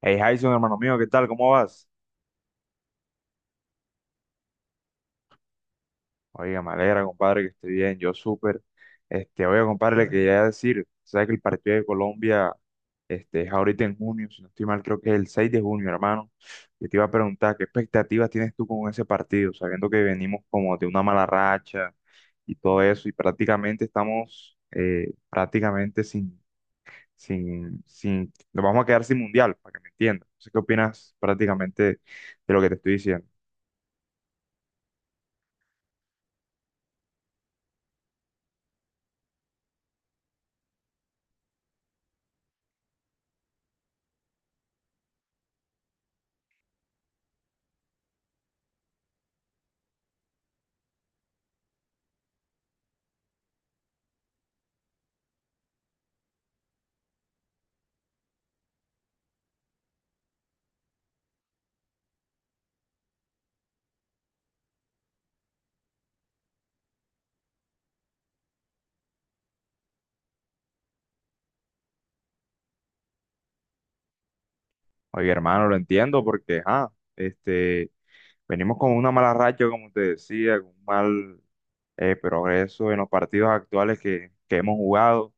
Hey, Jason, hermano mío, ¿qué tal? ¿Cómo vas? Oiga, me alegra, compadre, que esté bien, yo súper. Oiga, compadre, le quería decir, ¿sabes que el partido de Colombia es ahorita en junio? Si no estoy mal, creo que es el 6 de junio, hermano. Yo te iba a preguntar, ¿qué expectativas tienes tú con ese partido? Sabiendo que venimos como de una mala racha y todo eso, y prácticamente estamos, prácticamente sin, nos vamos a quedar sin mundial, para que me entiendas. No sé qué opinas prácticamente de lo que te estoy diciendo. Oye, hermano, lo entiendo porque, este, venimos con una mala racha, como te decía, con un mal progreso en los partidos actuales que hemos jugado,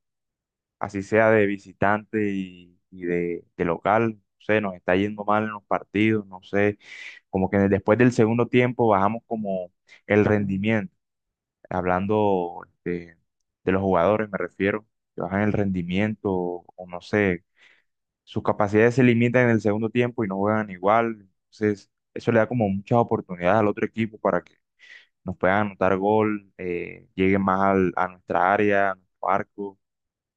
así sea de visitante y, de local, no sé, nos está yendo mal en los partidos, no sé, como que después del segundo tiempo bajamos como el rendimiento, hablando de los jugadores me refiero, que bajan el rendimiento, o no sé, sus capacidades se limitan en el segundo tiempo y no juegan igual. Entonces, eso le da como muchas oportunidades al otro equipo para que nos puedan anotar gol, lleguen más a nuestra área, a nuestro arco.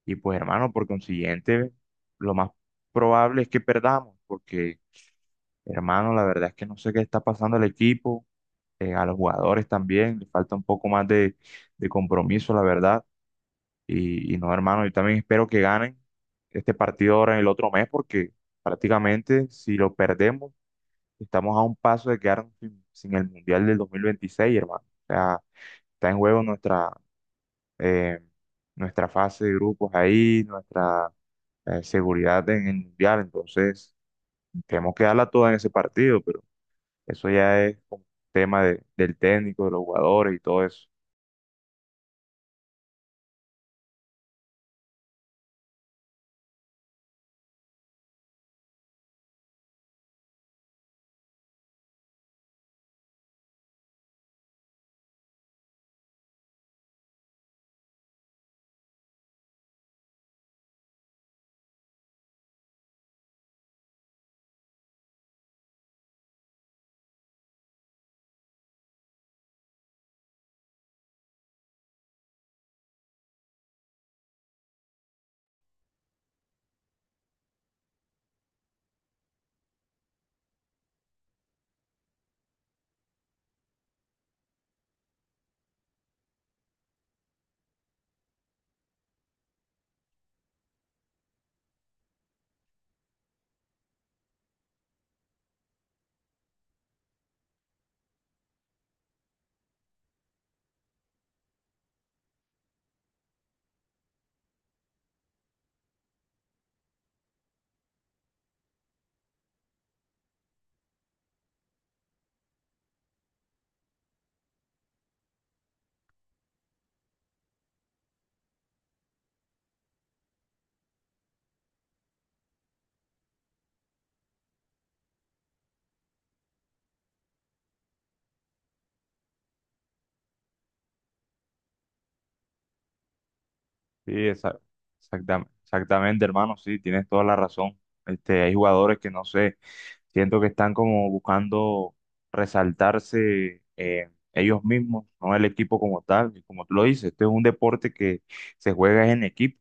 Y pues, hermano, por consiguiente, lo más probable es que perdamos, porque, hermano, la verdad es que no sé qué está pasando al equipo, a los jugadores también, le falta un poco más de compromiso, la verdad. Y no, hermano, yo también espero que ganen este partido ahora en el otro mes, porque prácticamente si lo perdemos, estamos a un paso de quedarnos sin el Mundial del 2026, hermano. O sea, está en juego nuestra, eh, nuestra fase de grupos ahí, nuestra seguridad en el Mundial. Entonces, tenemos que darla toda en ese partido, pero eso ya es como tema del técnico, de los jugadores y todo eso. Sí, esa- Exactamente, hermano, sí, tienes toda la razón. Hay jugadores que no sé, siento que están como buscando resaltarse ellos mismos, no el equipo como tal. Y como tú lo dices, esto es un deporte que se juega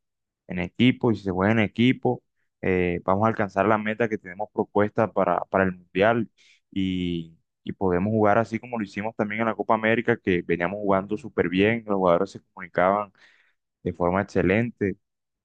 en equipo, y si se juega en equipo, vamos a alcanzar la meta que tenemos propuesta para el Mundial y, y podemos jugar así como lo hicimos también en la Copa América, que veníamos jugando súper bien, los jugadores se comunicaban de forma excelente,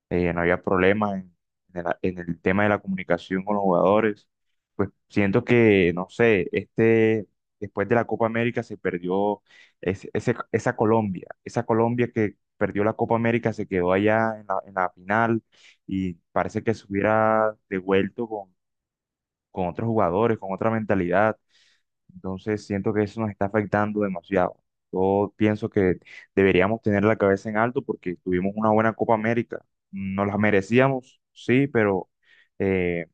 no había problemas en el tema de la comunicación con los jugadores. Pues siento que, no sé, este, después de la Copa América se perdió esa Colombia que perdió la Copa América se quedó allá en la final y parece que se hubiera devuelto con otros jugadores, con otra mentalidad. Entonces siento que eso nos está afectando demasiado. Yo pienso que deberíamos tener la cabeza en alto porque tuvimos una buena Copa América. Nos la merecíamos, sí, pero eh,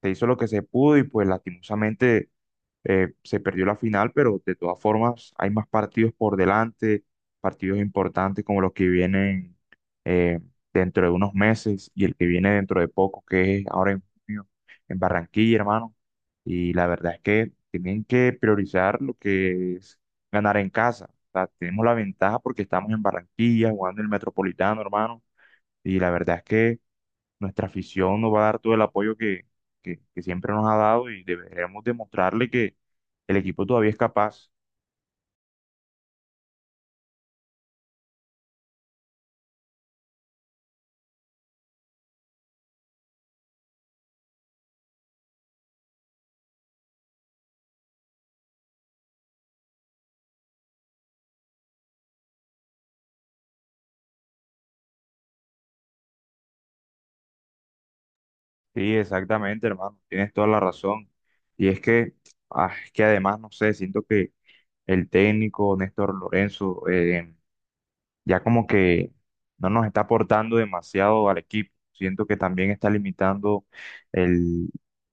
se hizo lo que se pudo y pues lastimosamente se perdió la final, pero de todas formas hay más partidos por delante, partidos importantes como los que vienen eh, dentro de unos meses y el que viene dentro de poco, que es ahora en junio, en Barranquilla, hermano. Y la verdad es que tienen que priorizar lo que es ganar en casa. O sea, tenemos la ventaja porque estamos en Barranquilla, jugando en el Metropolitano, hermano. Y la verdad es que nuestra afición nos va a dar todo el apoyo que siempre nos ha dado y deberemos demostrarle que el equipo todavía es capaz. Sí, exactamente, hermano, tienes toda la razón. Y es que, es que además, no sé, siento que el técnico Néstor Lorenzo, ya como que no nos está aportando demasiado al equipo. Siento que también está limitando el,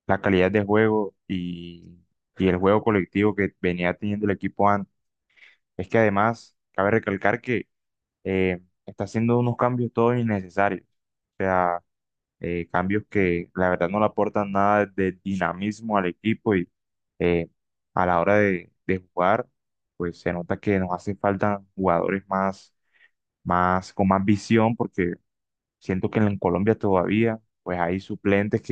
la calidad de juego y el juego colectivo que venía teniendo el equipo antes. Es que además, cabe recalcar que eh, está haciendo unos cambios todos innecesarios. O sea, cambios que la verdad no le aportan nada de dinamismo al equipo y eh, a la hora de jugar, pues se nota que nos hacen falta jugadores más, más, con más visión, porque siento que en Colombia todavía, pues hay suplentes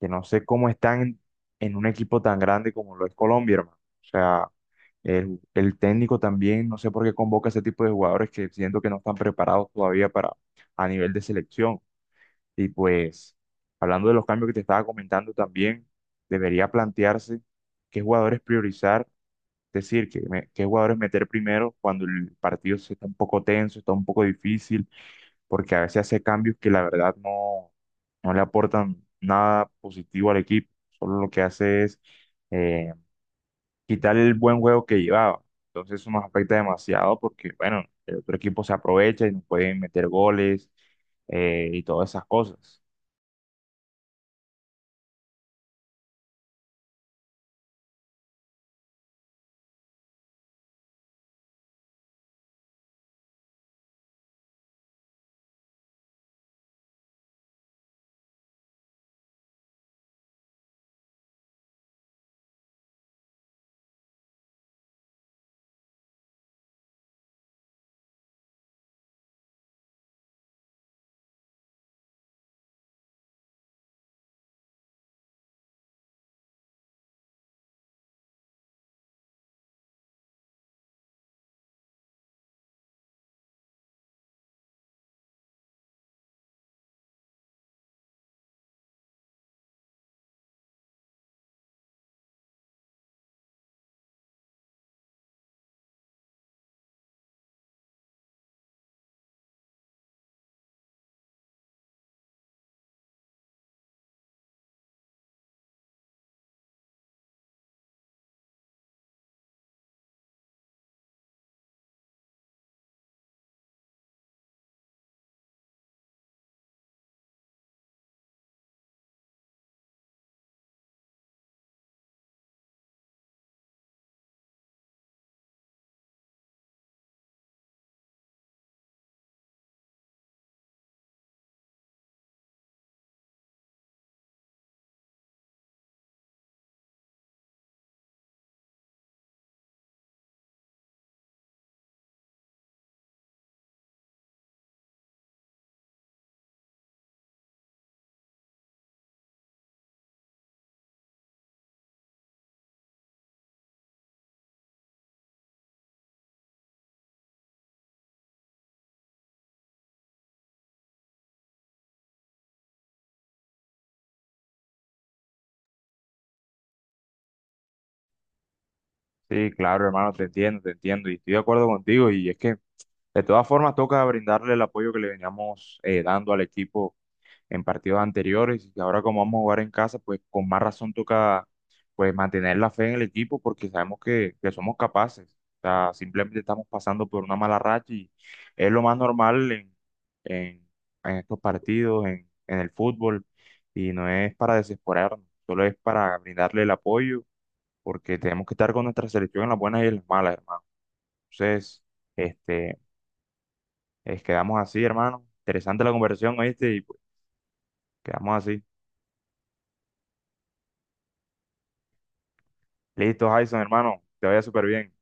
que no sé cómo están en, un equipo tan grande como lo es Colombia, hermano. O sea, el técnico también, no sé por qué convoca ese tipo de jugadores que siento que no están preparados todavía para a nivel de selección. Y pues, hablando de los cambios que te estaba comentando también, debería plantearse qué jugadores priorizar, es decir, qué jugadores meter primero cuando el partido se está un poco tenso, está un poco difícil porque a veces hace cambios que la verdad no, no le aportan nada positivo al equipo, solo lo que hace es eh, quitar el buen juego que llevaba. Entonces eso nos afecta demasiado porque, bueno, el otro equipo se aprovecha y nos pueden meter goles, y todas esas cosas. Sí, claro, hermano, te entiendo y estoy de acuerdo contigo y es que de todas formas toca brindarle el apoyo que le veníamos dando al equipo en partidos anteriores y ahora como vamos a jugar en casa, pues con más razón toca pues mantener la fe en el equipo porque sabemos que somos capaces. O sea, simplemente estamos pasando por una mala racha y es lo más normal en, en estos partidos, en el fútbol, y no es para desesperarnos, solo es para brindarle el apoyo porque tenemos que estar con nuestra selección en las buenas y en las malas, hermano. Entonces, este, quedamos así, hermano. Interesante la conversación, ¿oíste? Y pues, quedamos así. Listo, Jason, hermano, te vaya súper bien.